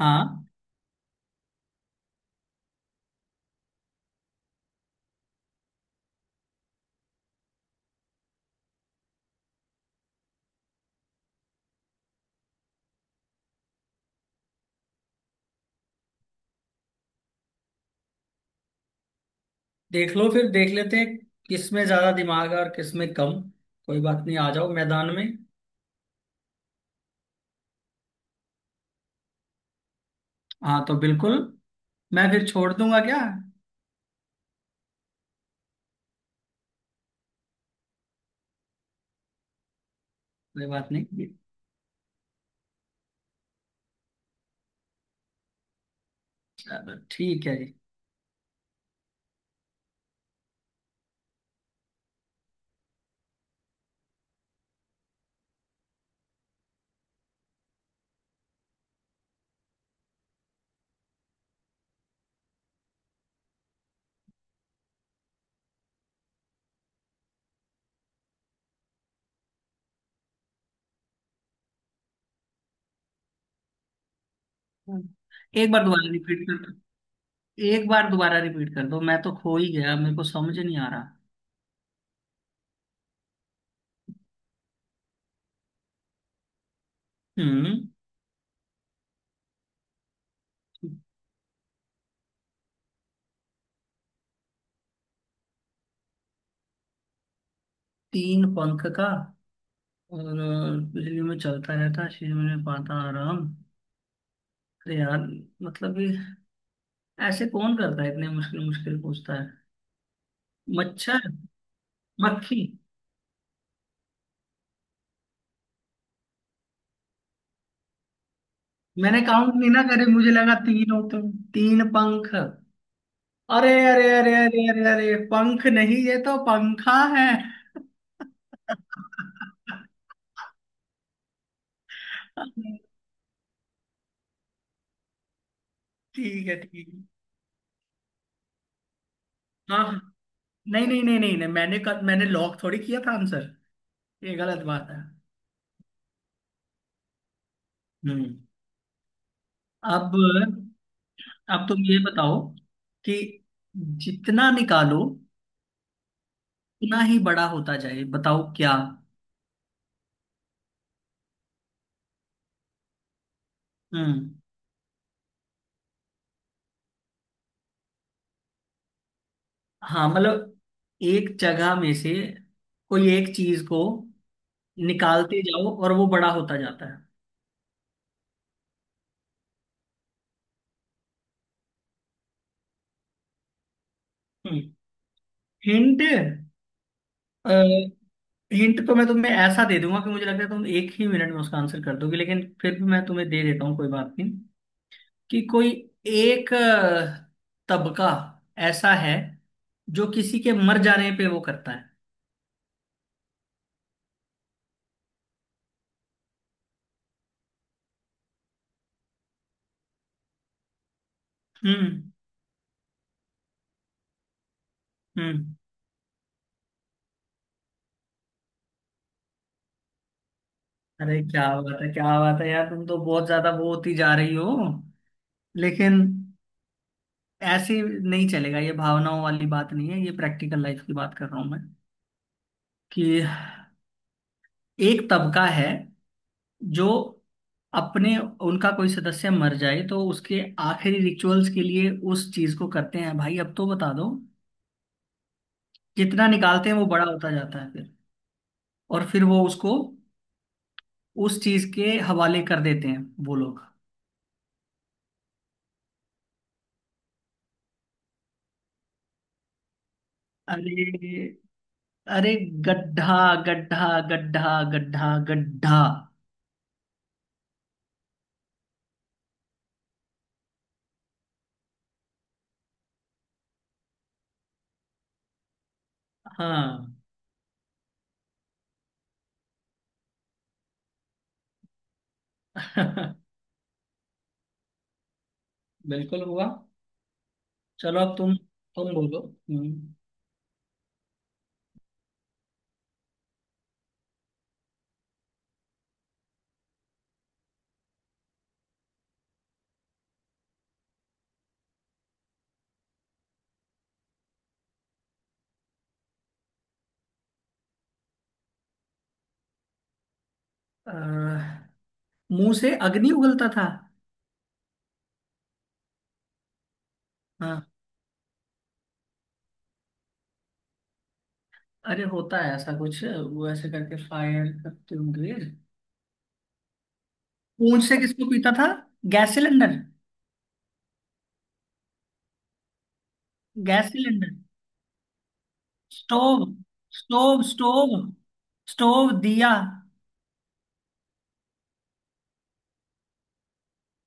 हाँ, देख लो फिर देख लेते हैं। किस में ज्यादा दिमाग है और किस में कम। कोई बात नहीं, आ जाओ मैदान में। हाँ तो बिल्कुल। मैं फिर छोड़ दूंगा क्या। कोई बात नहीं, चलो ठीक है जी। एक बार दोबारा रिपीट कर दो। एक बार दोबारा रिपीट कर दो, मैं तो खो ही गया, मेरे को समझ नहीं आ रहा। हम्म। तीन पंख का। और बिजली में चलता रहता, शरीर में पाता आराम। अरे यार, मतलब ये ऐसे कौन करता है, इतने मुश्किल मुश्किल पूछता है। मच्छर। मक्खी। मैंने काउंट नहीं ना करे, मुझे लगा तीन हो, तुम तीन पंख। अरे अरे अरे अरे अरे अरे, पंख नहीं, ये तो पंखा है। ठीक है ठीक है। हाँ हाँ। नहीं नहीं नहीं नहीं नहीं, मैंने कल मैंने लॉक थोड़ी किया था आंसर। ये गलत बात है। हम्म। अब अब तुम ये बताओ कि जितना निकालो उतना ही बड़ा होता जाए, बताओ क्या। हम्म। हाँ मतलब, एक जगह में से कोई एक चीज को निकालते जाओ और वो बड़ा होता जाता है। हिंट। हिंट तो मैं तुम्हें ऐसा दे दूंगा कि मुझे लगता है तुम एक ही मिनट में उसका आंसर कर दोगे, लेकिन फिर भी मैं तुम्हें दे देता हूँ, कोई बात नहीं। कि कोई एक तबका ऐसा है जो किसी के मर जाने पे वो करता है। हम्म हम्म। अरे क्या बात है, क्या बात है यार, तुम तो बहुत ज्यादा वो होती जा रही हो। लेकिन ऐसे नहीं चलेगा, ये भावनाओं वाली बात नहीं है, ये प्रैक्टिकल लाइफ की बात कर रहा हूं मैं। कि एक तबका है जो अपने, उनका कोई सदस्य मर जाए तो उसके आखिरी रिचुअल्स के लिए उस चीज को करते हैं, भाई अब तो बता दो। जितना निकालते हैं वो बड़ा होता जाता है फिर। और फिर वो उसको उस चीज के हवाले कर देते हैं वो लोग। अरे अरे, गड्ढा। गड्ढा गड्ढा गड्ढा गड्ढा। हाँ। बिल्कुल हुआ। चलो अब, तुम बोलो। हम्म। अ, मुंह से अग्नि उगलता था। हाँ। अरे होता है ऐसा कुछ, वो ऐसे करके फायर करते होंगे। पूंछ से किसको पीता था। Gas cylinder. Gas cylinder. Stove. Stove stove stove. दिया।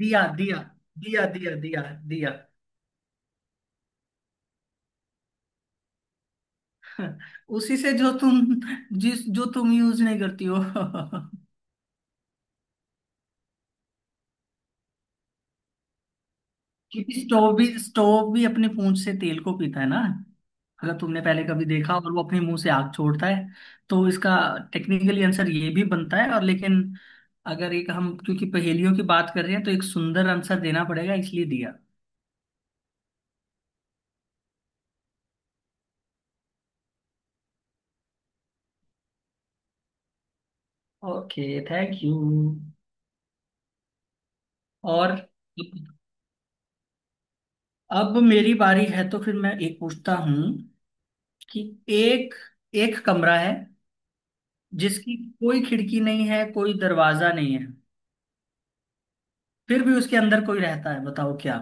दिया दिया दिया। दिया दिया दिया। उसी से जो तुम, जिस जो तुम यूज नहीं करती हो। क्योंकि स्टोव भी अपने पूंछ से तेल को पीता है ना, अगर तुमने पहले कभी देखा, और वो अपने मुंह से आग छोड़ता है, तो इसका टेक्निकली आंसर ये भी बनता है और, लेकिन अगर एक हम, क्योंकि पहेलियों की बात कर रहे हैं तो एक सुंदर आंसर देना पड़ेगा, इसलिए दिया। Okay thank you. और अब मेरी बारी है, तो फिर मैं एक पूछता हूँ कि, एक एक कमरा है जिसकी कोई खिड़की नहीं है, कोई दरवाजा नहीं है, फिर भी उसके अंदर कोई रहता है, बताओ क्या।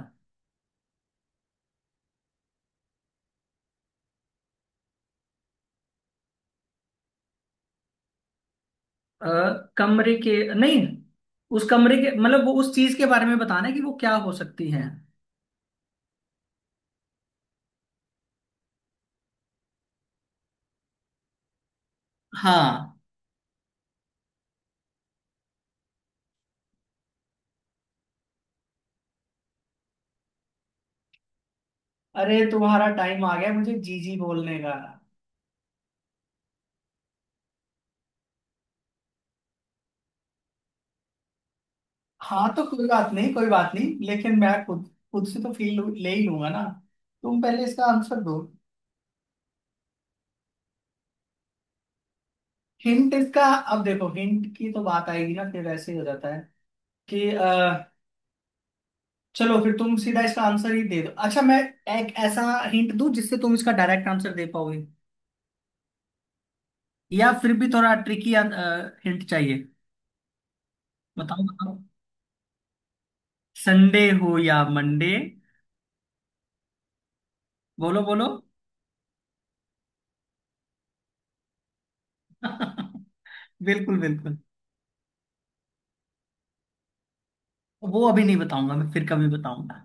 अ, कमरे के नहीं, उस कमरे के मतलब वो, उस चीज के बारे में बताना है कि वो क्या हो सकती है। हाँ। अरे तुम्हारा टाइम आ गया मुझे जी जी बोलने का। हाँ तो कोई बात नहीं, कोई बात नहीं, लेकिन मैं खुद, से तो फील ले ही लूंगा ना। तुम पहले इसका आंसर दो। हिंट इसका। अब देखो, हिंट की तो बात आएगी ना, फिर ऐसे ही हो जाता है कि चलो फिर तुम सीधा इसका आंसर ही दे दो। अच्छा, मैं एक ऐसा हिंट दूं जिससे तुम इसका डायरेक्ट आंसर दे पाओगे, या फिर भी थोड़ा ट्रिकी हिंट चाहिए। बताओ बताओ। संडे हो या मंडे। बोलो बोलो। बिल्कुल बिल्कुल। वो अभी नहीं बताऊंगा, मैं फिर कभी बताऊंगा।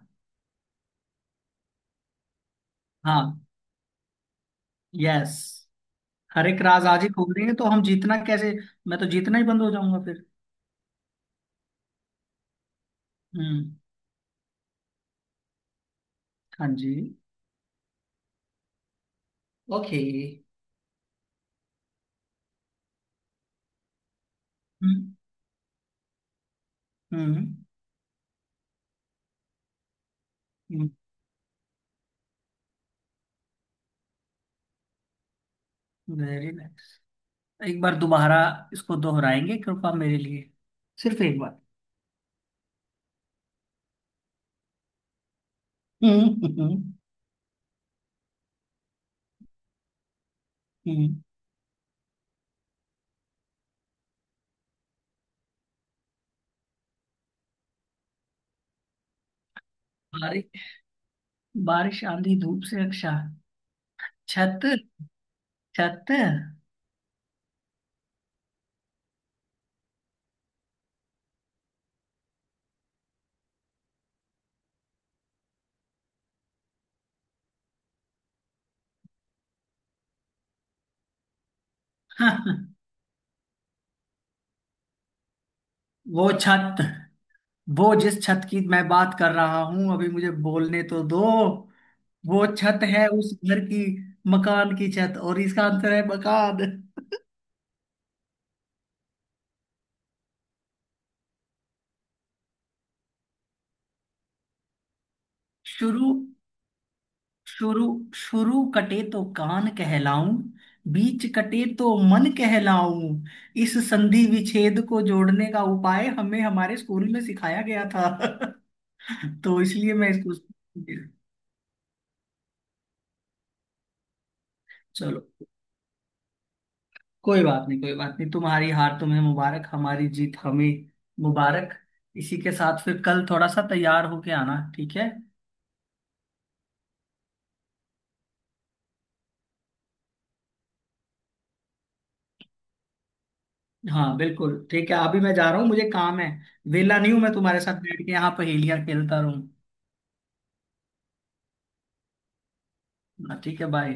हाँ। यस। हर एक राज आज ही खोल देंगे तो हम जीतना कैसे। मैं तो जीतना ही बंद हो जाऊंगा फिर। हम्म। हाँ जी। ओके। हम्म हम्म। Very nice. एक बार दोबारा इसको दोहराएंगे कृपा मेरे लिए, सिर्फ एक बार। हम्म हम्म हम्म। बारिश। बारिश आंधी धूप से रक्षा। छत। छत। वो छत, वो जिस छत की मैं बात कर रहा हूं, अभी मुझे बोलने तो दो। वो छत है उस घर की, मकान की छत, और इसका आंसर है मकान। शुरू, शुरू शुरू कटे तो कान कहलाऊं, बीच कटे तो मन कहलाऊं। इस संधि विच्छेद को जोड़ने का उपाय हमें हमारे स्कूल में सिखाया गया था। तो इसलिए मैं इसको। चलो कोई बात नहीं, कोई बात नहीं, तुम्हारी हार तुम्हें मुबारक, हमारी जीत हमें मुबारक। इसी के साथ फिर कल थोड़ा सा तैयार होके आना, ठीक है। हाँ बिल्कुल, ठीक है, अभी मैं जा रहा हूँ, मुझे काम है। वेला नहीं हूँ मैं तुम्हारे साथ बैठ के यहाँ पहेलियाँ खेलता रहूँ। ना, ठीक है, बाय।